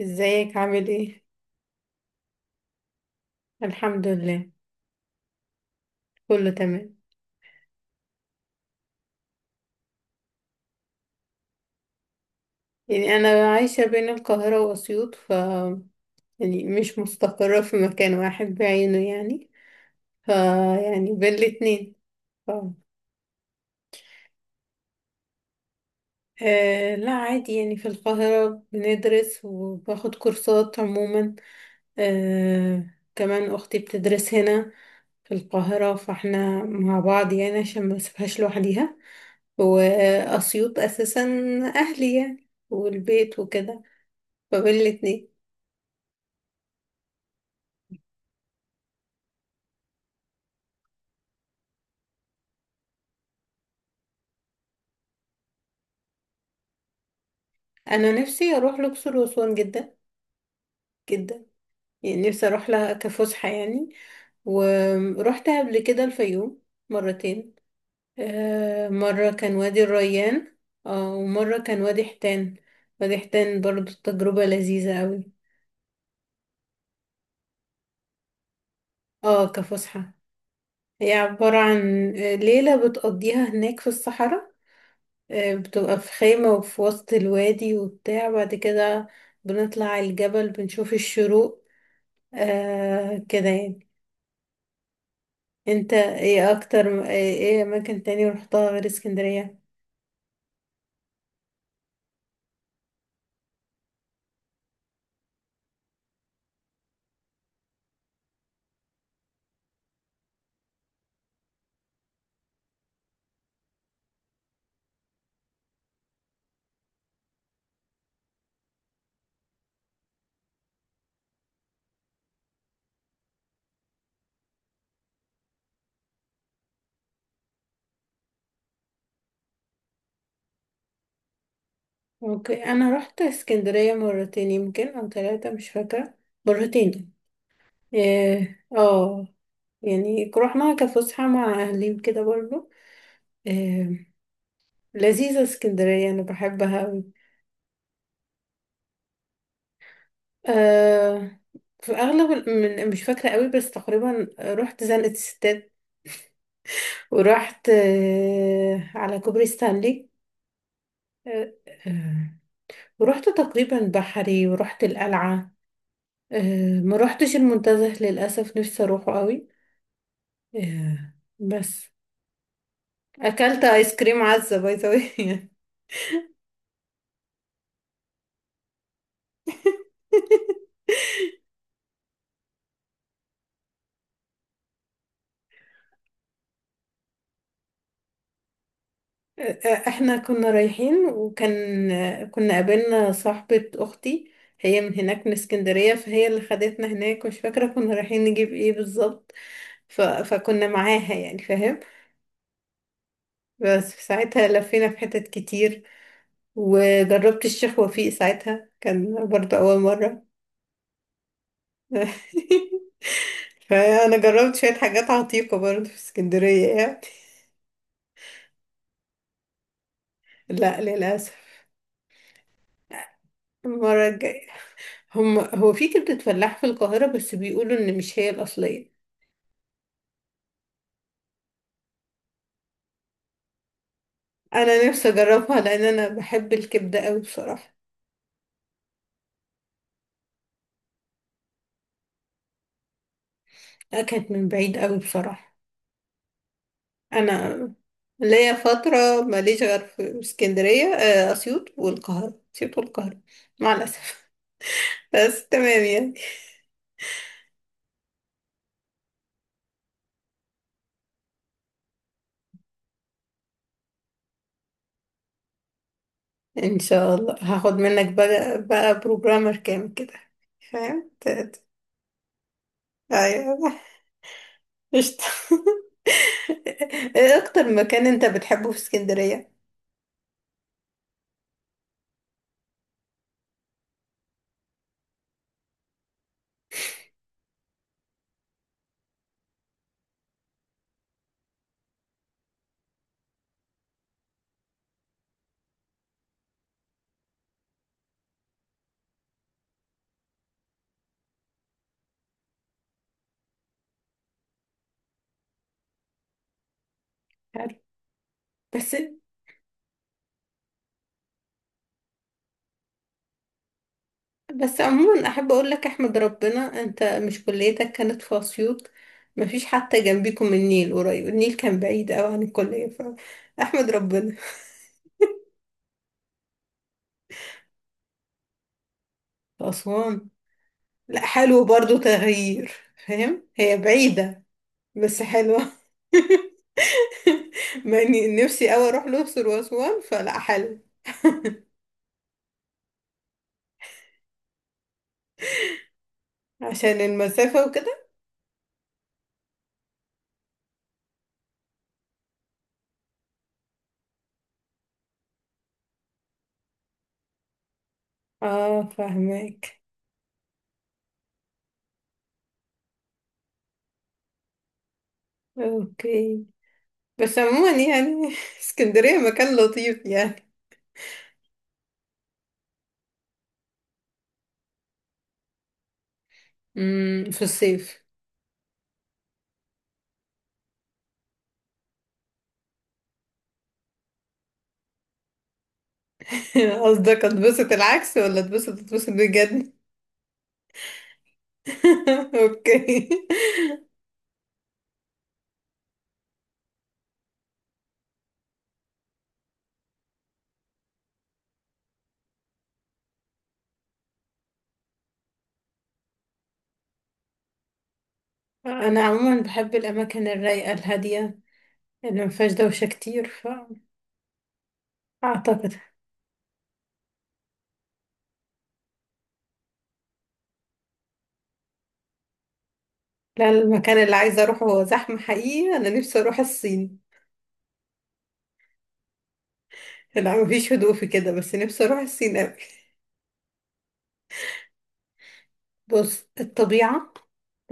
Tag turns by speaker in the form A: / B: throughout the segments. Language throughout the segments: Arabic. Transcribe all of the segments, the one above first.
A: ازيك عامل ايه؟ الحمد لله، كله تمام. يعني انا عايشة بين القاهرة واسيوط، يعني مش مستقرة في مكان واحد بعينه، يعني ف يعني بين الاتنين. ف... آه لا عادي، يعني في القاهرة بندرس وباخد كورسات عموما. آه، كمان اختي بتدرس هنا في القاهرة فاحنا مع بعض يعني عشان ما اسيبهاش لوحديها. وأسيوط أساسا أهلي يعني والبيت وكده، فبين الاتنين. أنا نفسي أروح الأقصر وأسوان جدا جدا، يعني نفسي أروح لها كفسحة يعني. ورحت قبل كده الفيوم مرتين. آه، مرة كان وادي الريان، اه ومرة كان وادي حيتان. وادي حيتان برضو تجربة لذيذة أوي. اه كفسحة. هي عبارة عن ليلة بتقضيها هناك في الصحراء، بتبقى في خيمة وفي وسط الوادي وبتاع. بعد كده بنطلع على الجبل بنشوف الشروق، آه كده يعني. انت ايه اكتر ايه اماكن تاني رحتها غير اسكندرية؟ ممكن انا رحت اسكندرية مرتين يمكن او ثلاثة، مش فاكرة. مرتين. اه، آه، يعني رحنا كفسحة مع اهلي كده برضو. آه لذيذة اسكندرية، انا بحبها. آه، في الأغلب مش فاكرة قوي، بس تقريبا رحت زنقة الستات. ورحت آه على كوبري ستانلي. آه، آه، ورحت تقريبا بحري ورحت القلعة. آه، ما رحتش المنتزه للأسف، نفسي أروحه قوي. آه بس. أكلت آيس كريم عزة باي ذا واي. احنا كنا رايحين، وكان كنا قابلنا صاحبة اختي، هي من هناك من اسكندرية فهي اللي خدتنا هناك، مش فاكرة كنا رايحين نجيب ايه بالظبط. فكنا معاها يعني، فاهم. بس في ساعتها لفينا في حتت كتير، وجربت الشيخ وفيق ساعتها كان برضه أول مرة. فأنا جربت شوية حاجات عتيقة برضه في اسكندرية يعني. لا، للأسف. المرة الجاية. هم، هو في كبدة فلاح في القاهرة بس بيقولوا إن مش هي الأصلية. انا نفسي اجربها لان انا بحب الكبده قوي بصراحه. اكلت من بعيد قوي بصراحه. انا ليا فتره ماليش غير في اسكندريه، اسيوط والقاهره اسيوط والقاهره، مع الاسف. بس تمام يعني. ان شاء الله هاخد منك بقى بروجرامر كامل كده، فاهم ايوه، قشطه. ايه اكتر مكان انت بتحبه في اسكندريه؟ عارف. بس بس عموما احب اقول لك احمد ربنا انت مش كليتك كانت في اسيوط. مفيش حتى جنبيكم النيل قريب، النيل كان بعيد قوي عن الكليه، فاحمد ربنا. في اسوان؟ لا حلو برضو تغيير. فاهم هي بعيده بس حلوه. ما نفسي قوي اروح الاقصر واسوان، فلا حلو. عشان المسافه وكده. اه فاهمك. اوكي بس عموما يعني اسكندريه مكان لطيف يعني. امم، في الصيف. قصدك اتبسط العكس ولا اتبسط؟ اتبسط بجد. اوكي. انا عموما بحب الاماكن الرايقه الهاديه اللي ما فيهاش دوشه كتير. فاعتقد لا، المكان اللي عايزه اروحه هو زحمه حقيقي، انا نفسي اروح الصين. لا مفيش هدوء في كده، بس نفسي اروح الصين قوي. بص الطبيعه،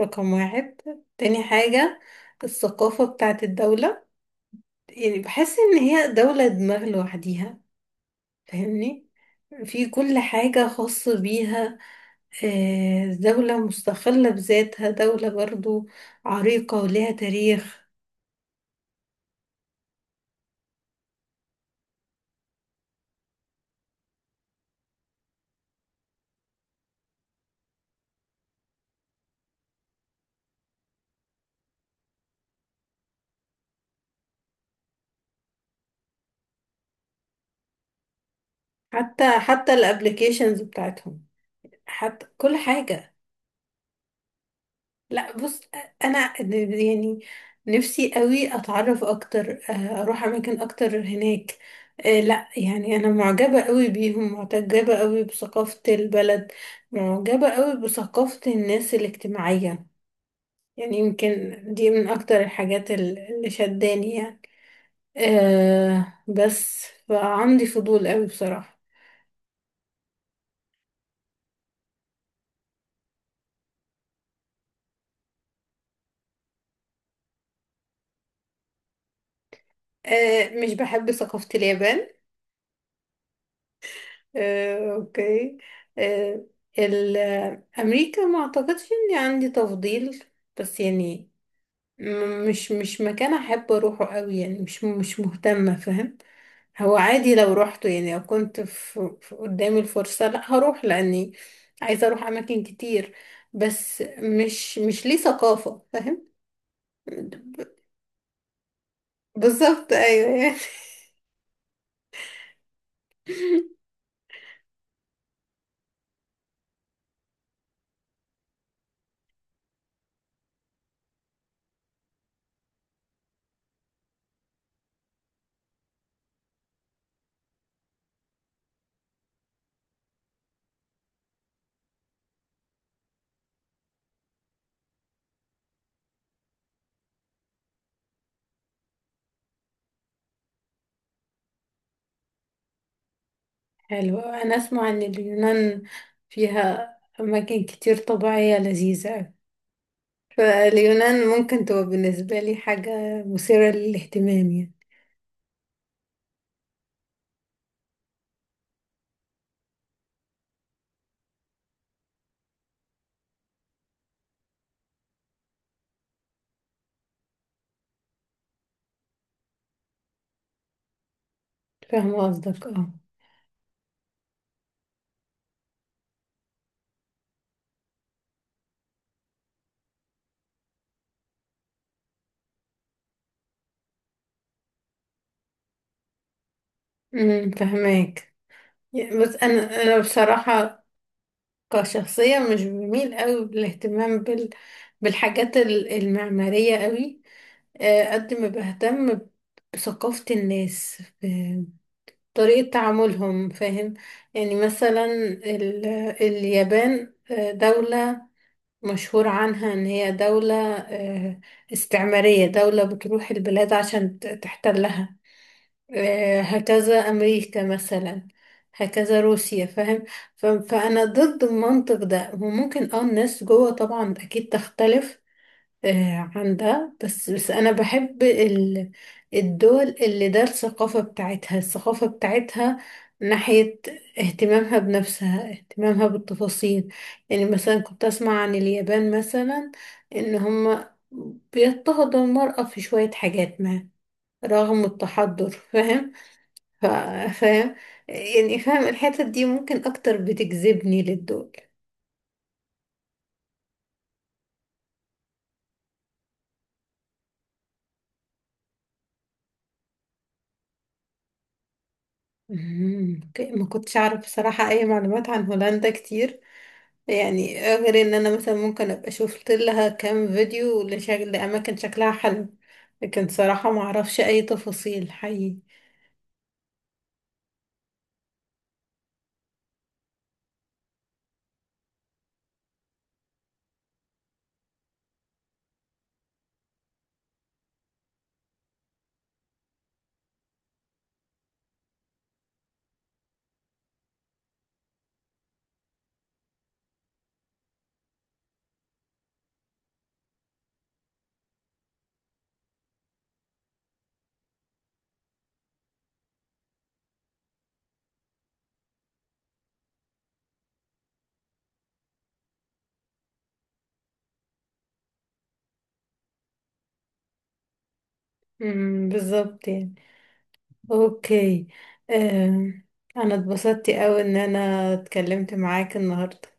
A: رقم واحد. تاني حاجه الثقافه بتاعت الدوله، يعني بحس ان هي دوله دماغ لوحديها، فاهمني؟ في كل حاجة خاصة بيها، دولة مستقلة بذاتها، دولة برضو عريقة ولها تاريخ. حتى الابليكيشنز بتاعتهم، حتى كل حاجة. لا بص، أنا يعني نفسي قوي أتعرف أكتر، أروح أماكن أكتر هناك. لا يعني أنا معجبة قوي بيهم، معجبة قوي بثقافة البلد، معجبة قوي بثقافة الناس الاجتماعية. يعني يمكن دي من اكتر الحاجات اللي شداني يعني. أه بس فعندي فضول قوي بصراحة. أه مش بحب ثقافة اليابان. أه اوكي، أه. ال- امريكا ما اعتقدش اني عندي تفضيل، بس يعني مش مكان احب اروحه قوي يعني، مش مهتمة، فاهم. هو عادي لو روحته يعني، لو كنت في قدامي الفرصة لا هروح، لاني عايزة اروح اماكن كتير، بس مش ليه ثقافة، فاهم. بالظبط ايوه يعني. حلو، انا اسمع ان اليونان فيها اماكن كتير طبيعية لذيذة أوي. فاليونان ممكن تبقى بالنسبة لي حاجة مثيرة للاهتمام يعني. فاهمة قصدك اه. امم، فهماك يعني. بس انا بصراحه كشخصيه مش بميل قوي بالاهتمام بالحاجات المعماريه قوي، قد ما بهتم بثقافه الناس، بطريقه تعاملهم، فاهم. يعني مثلا ال اليابان دوله مشهور عنها ان هي دوله استعماريه، دوله بتروح البلاد عشان تحتلها. هكذا أمريكا مثلا، هكذا روسيا، فاهم. فأنا ضد المنطق ده، وممكن اه الناس جوه طبعا أكيد تختلف عن ده. بس بس أنا بحب الدول اللي ده الثقافة بتاعتها، الثقافة بتاعتها ناحية اهتمامها بنفسها، اهتمامها بالتفاصيل. يعني مثلا كنت أسمع عن اليابان مثلا إن هما بيضطهدوا المرأة في شوية حاجات ما، رغم التحضر، فاهم. ف- فاهم يعني، فاهم الحتت دي ممكن اكتر بتجذبني للدول. مم، اوكي، ما كنتش اعرف بصراحة اي معلومات عن هولندا كتير، يعني غير ان انا مثلا ممكن ابقى شفت لها كام فيديو لشكل لاماكن شكلها حلو، لكن صراحة ما اعرفش اي تفاصيل حقيقي. مم، بالظبط يعني. اوكي. آم، انا اتبسطت قوي ان انا اتكلمت معاك النهاردة.